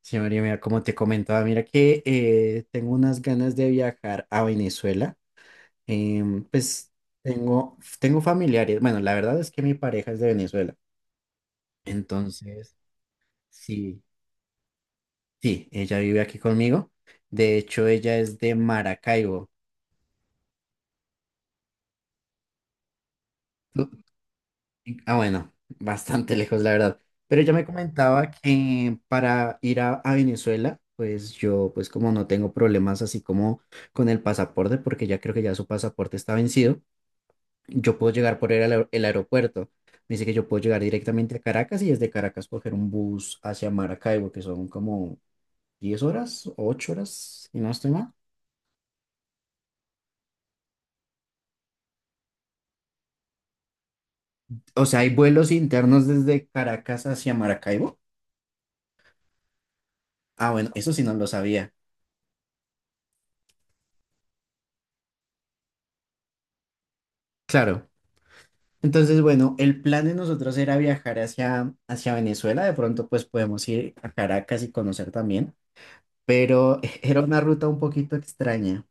Sí, María, mira, como te comentaba, mira que tengo unas ganas de viajar a Venezuela. Pues tengo familiares. Bueno, la verdad es que mi pareja es de Venezuela. Entonces, sí, sí, ella vive aquí conmigo. De hecho, ella es de Maracaibo. Tú- Ah, bueno, bastante lejos, la verdad. Pero ella me comentaba que para ir a Venezuela, pues yo, pues como no tengo problemas así como con el pasaporte, porque ya creo que ya su pasaporte está vencido. Yo puedo llegar por el aeropuerto. Me dice que yo puedo llegar directamente a Caracas y desde Caracas coger un bus hacia Maracaibo, que son como 10 horas, 8 horas, y no estoy mal. O sea, hay vuelos internos desde Caracas hacia Maracaibo. Ah, bueno, eso sí no lo sabía. Claro. Entonces, bueno, el plan de nosotros era viajar hacia Venezuela. De pronto, pues podemos ir a Caracas y conocer también. Pero era una ruta un poquito extraña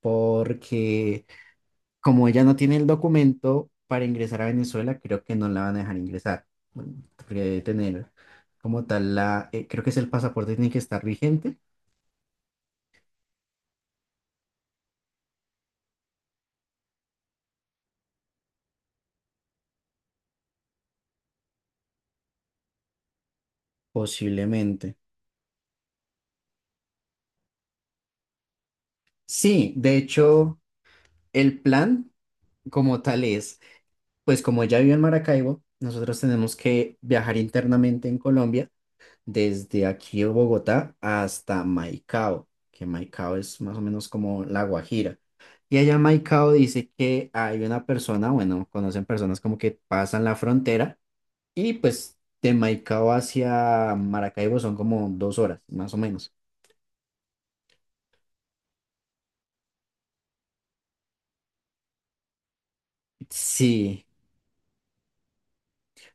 porque como ella no tiene el documento para ingresar a Venezuela, creo que no la van a dejar ingresar. Bueno, porque debe tener como tal la, creo que es el pasaporte tiene que estar vigente, posiblemente. Sí, de hecho, el plan como tal es, pues como ella vive en Maracaibo, nosotros tenemos que viajar internamente en Colombia desde aquí de Bogotá hasta Maicao, que Maicao es más o menos como La Guajira. Y allá en Maicao dice que hay una persona, bueno, conocen personas como que pasan la frontera y pues de Maicao hacia Maracaibo son como 2 horas, más o menos. Sí,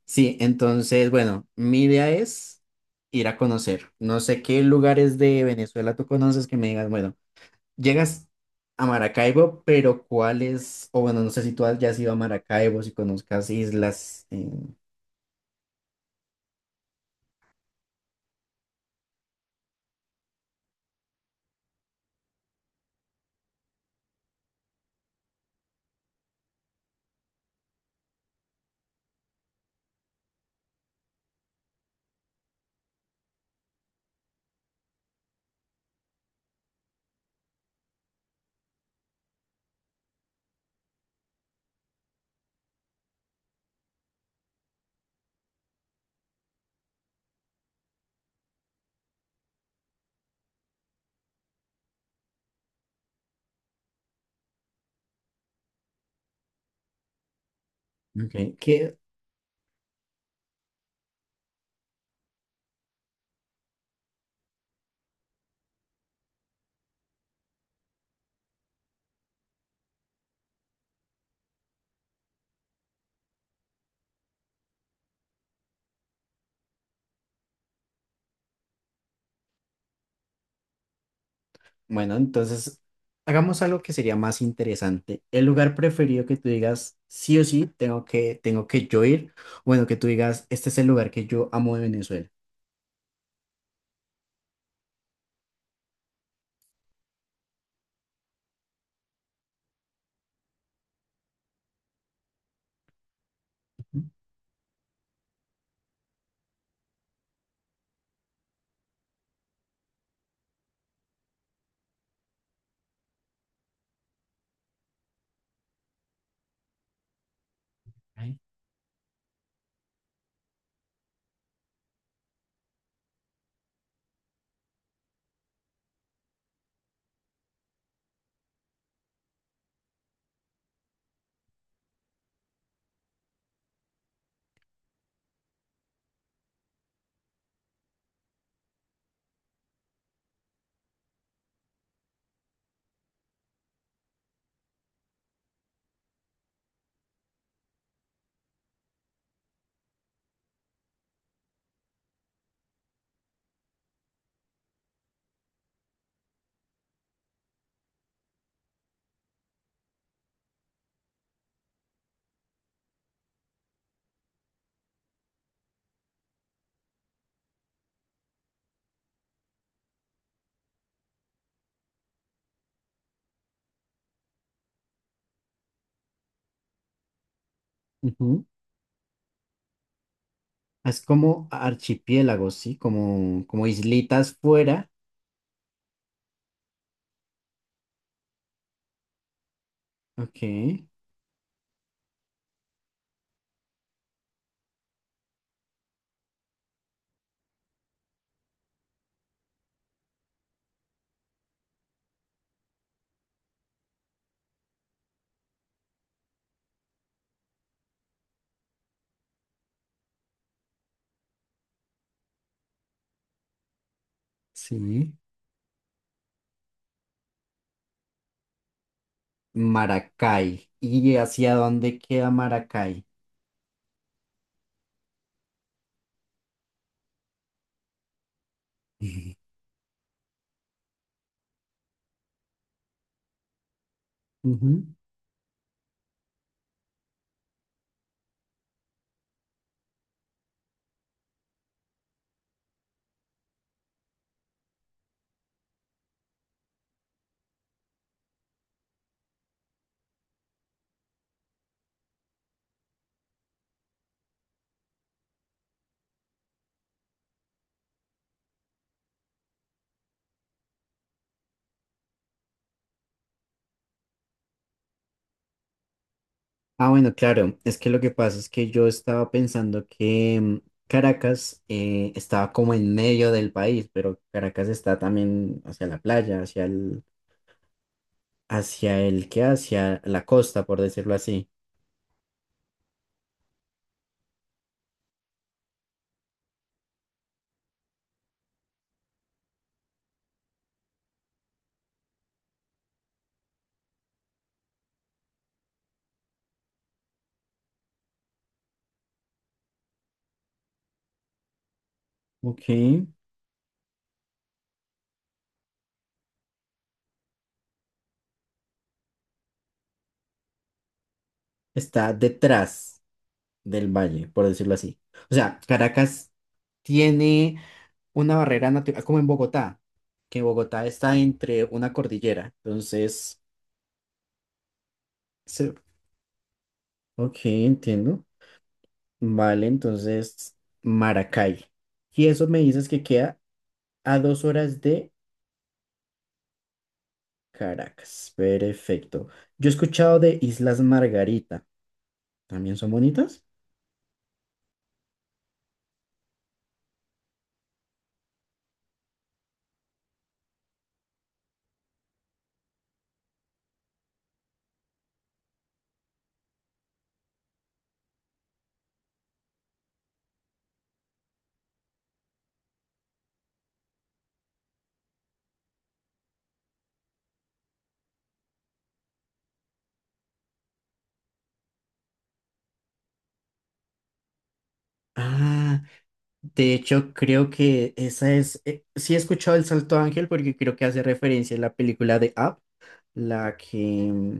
sí, entonces, bueno, mi idea es ir a conocer. No sé qué lugares de Venezuela tú conoces que me digas, bueno. Llegas a Maracaibo, pero ¿cuál es? O bueno, no sé si ya has ido a Maracaibo, si conozcas islas. Ok, que, bueno, entonces hagamos algo que sería más interesante. El lugar preferido que tú digas, sí o sí, tengo que yo ir. Bueno, que tú digas, este es el lugar que yo amo de Venezuela. Ok. Ujú. Es como archipiélagos, ¿sí? Como, como islitas fuera. Ok, sí. Maracay. ¿Y hacia dónde queda Maracay? Ujú. Ah, bueno, claro, es que lo que pasa es que yo estaba pensando que Caracas estaba como en medio del país, pero Caracas está también hacia la playa, hacia el que, hacia la costa, por decirlo así. Ok. Está detrás del valle, por decirlo así. O sea, Caracas tiene una barrera natural, como en Bogotá, que Bogotá está entre una cordillera. Entonces, se- ok, entiendo. Vale, entonces, Maracay. Y eso me dices que queda a 2 horas de Caracas. Perfecto. Yo he escuchado de Islas Margarita. ¿También son bonitas? Ah, de hecho, creo que esa es. Sí, he escuchado El Salto Ángel porque creo que hace referencia a la película de Up, la que. mm,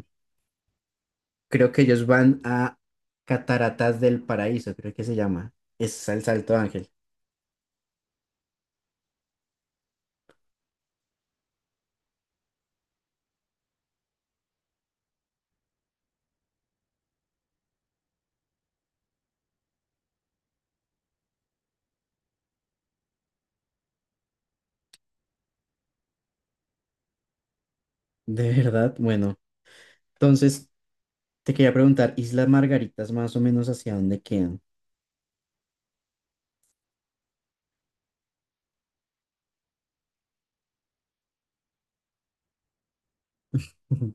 Creo que ellos van a Cataratas del Paraíso, creo que se llama. Es al Salto Ángel. De verdad, bueno. Entonces, te quería preguntar, Islas Margaritas, más o menos hacia dónde quedan. Ujú.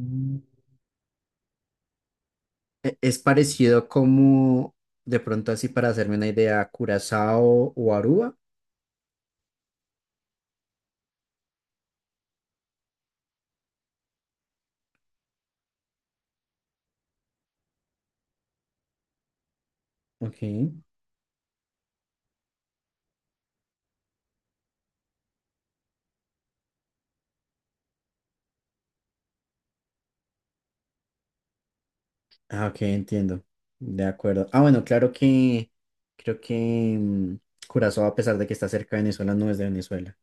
Mm. Es parecido como, de pronto así para hacerme una idea, a Curazao o Aruba. Ok. Ah, ok, entiendo. De acuerdo. Ah, bueno, claro que creo que mm, Curazao, a pesar de que está cerca de Venezuela, no es de Venezuela.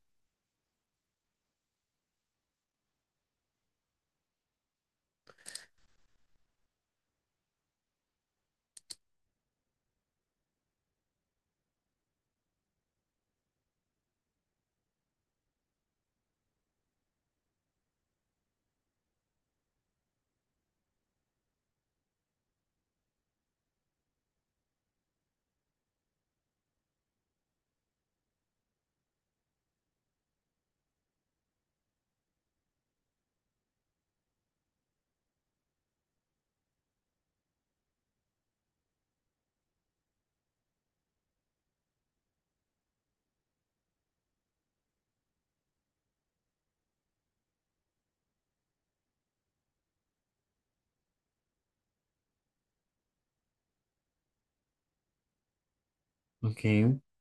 Ok.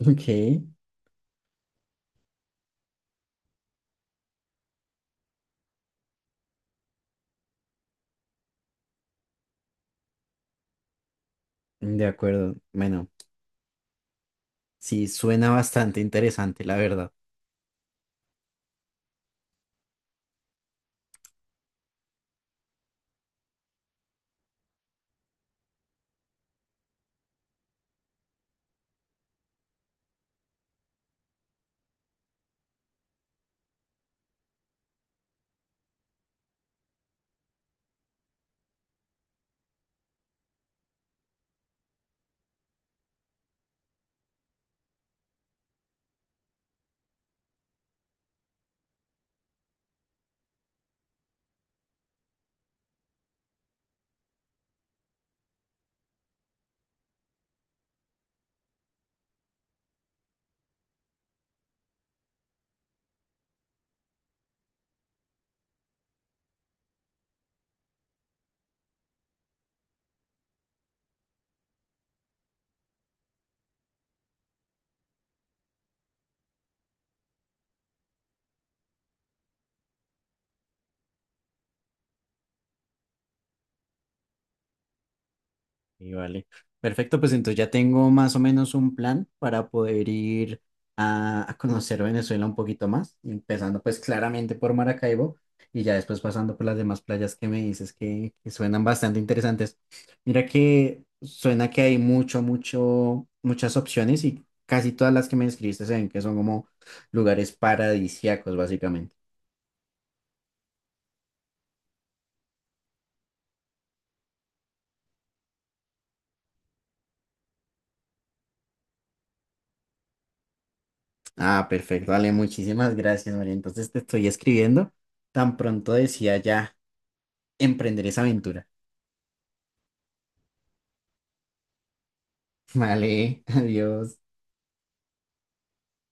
Ok, de acuerdo. Bueno. Sí, suena bastante interesante, la verdad. Y vale. Perfecto, pues entonces ya tengo más o menos un plan para poder ir a conocer Venezuela un poquito más, empezando pues claramente por Maracaibo y ya después pasando por las demás playas que me dices que suenan bastante interesantes. Mira que suena que hay mucho, mucho, muchas opciones y casi todas las que me describiste se ven que son como lugares paradisíacos, básicamente. Ah, perfecto, Ale, muchísimas gracias, María. Entonces te estoy escribiendo. Tan pronto decía ya emprender esa aventura. Vale, adiós.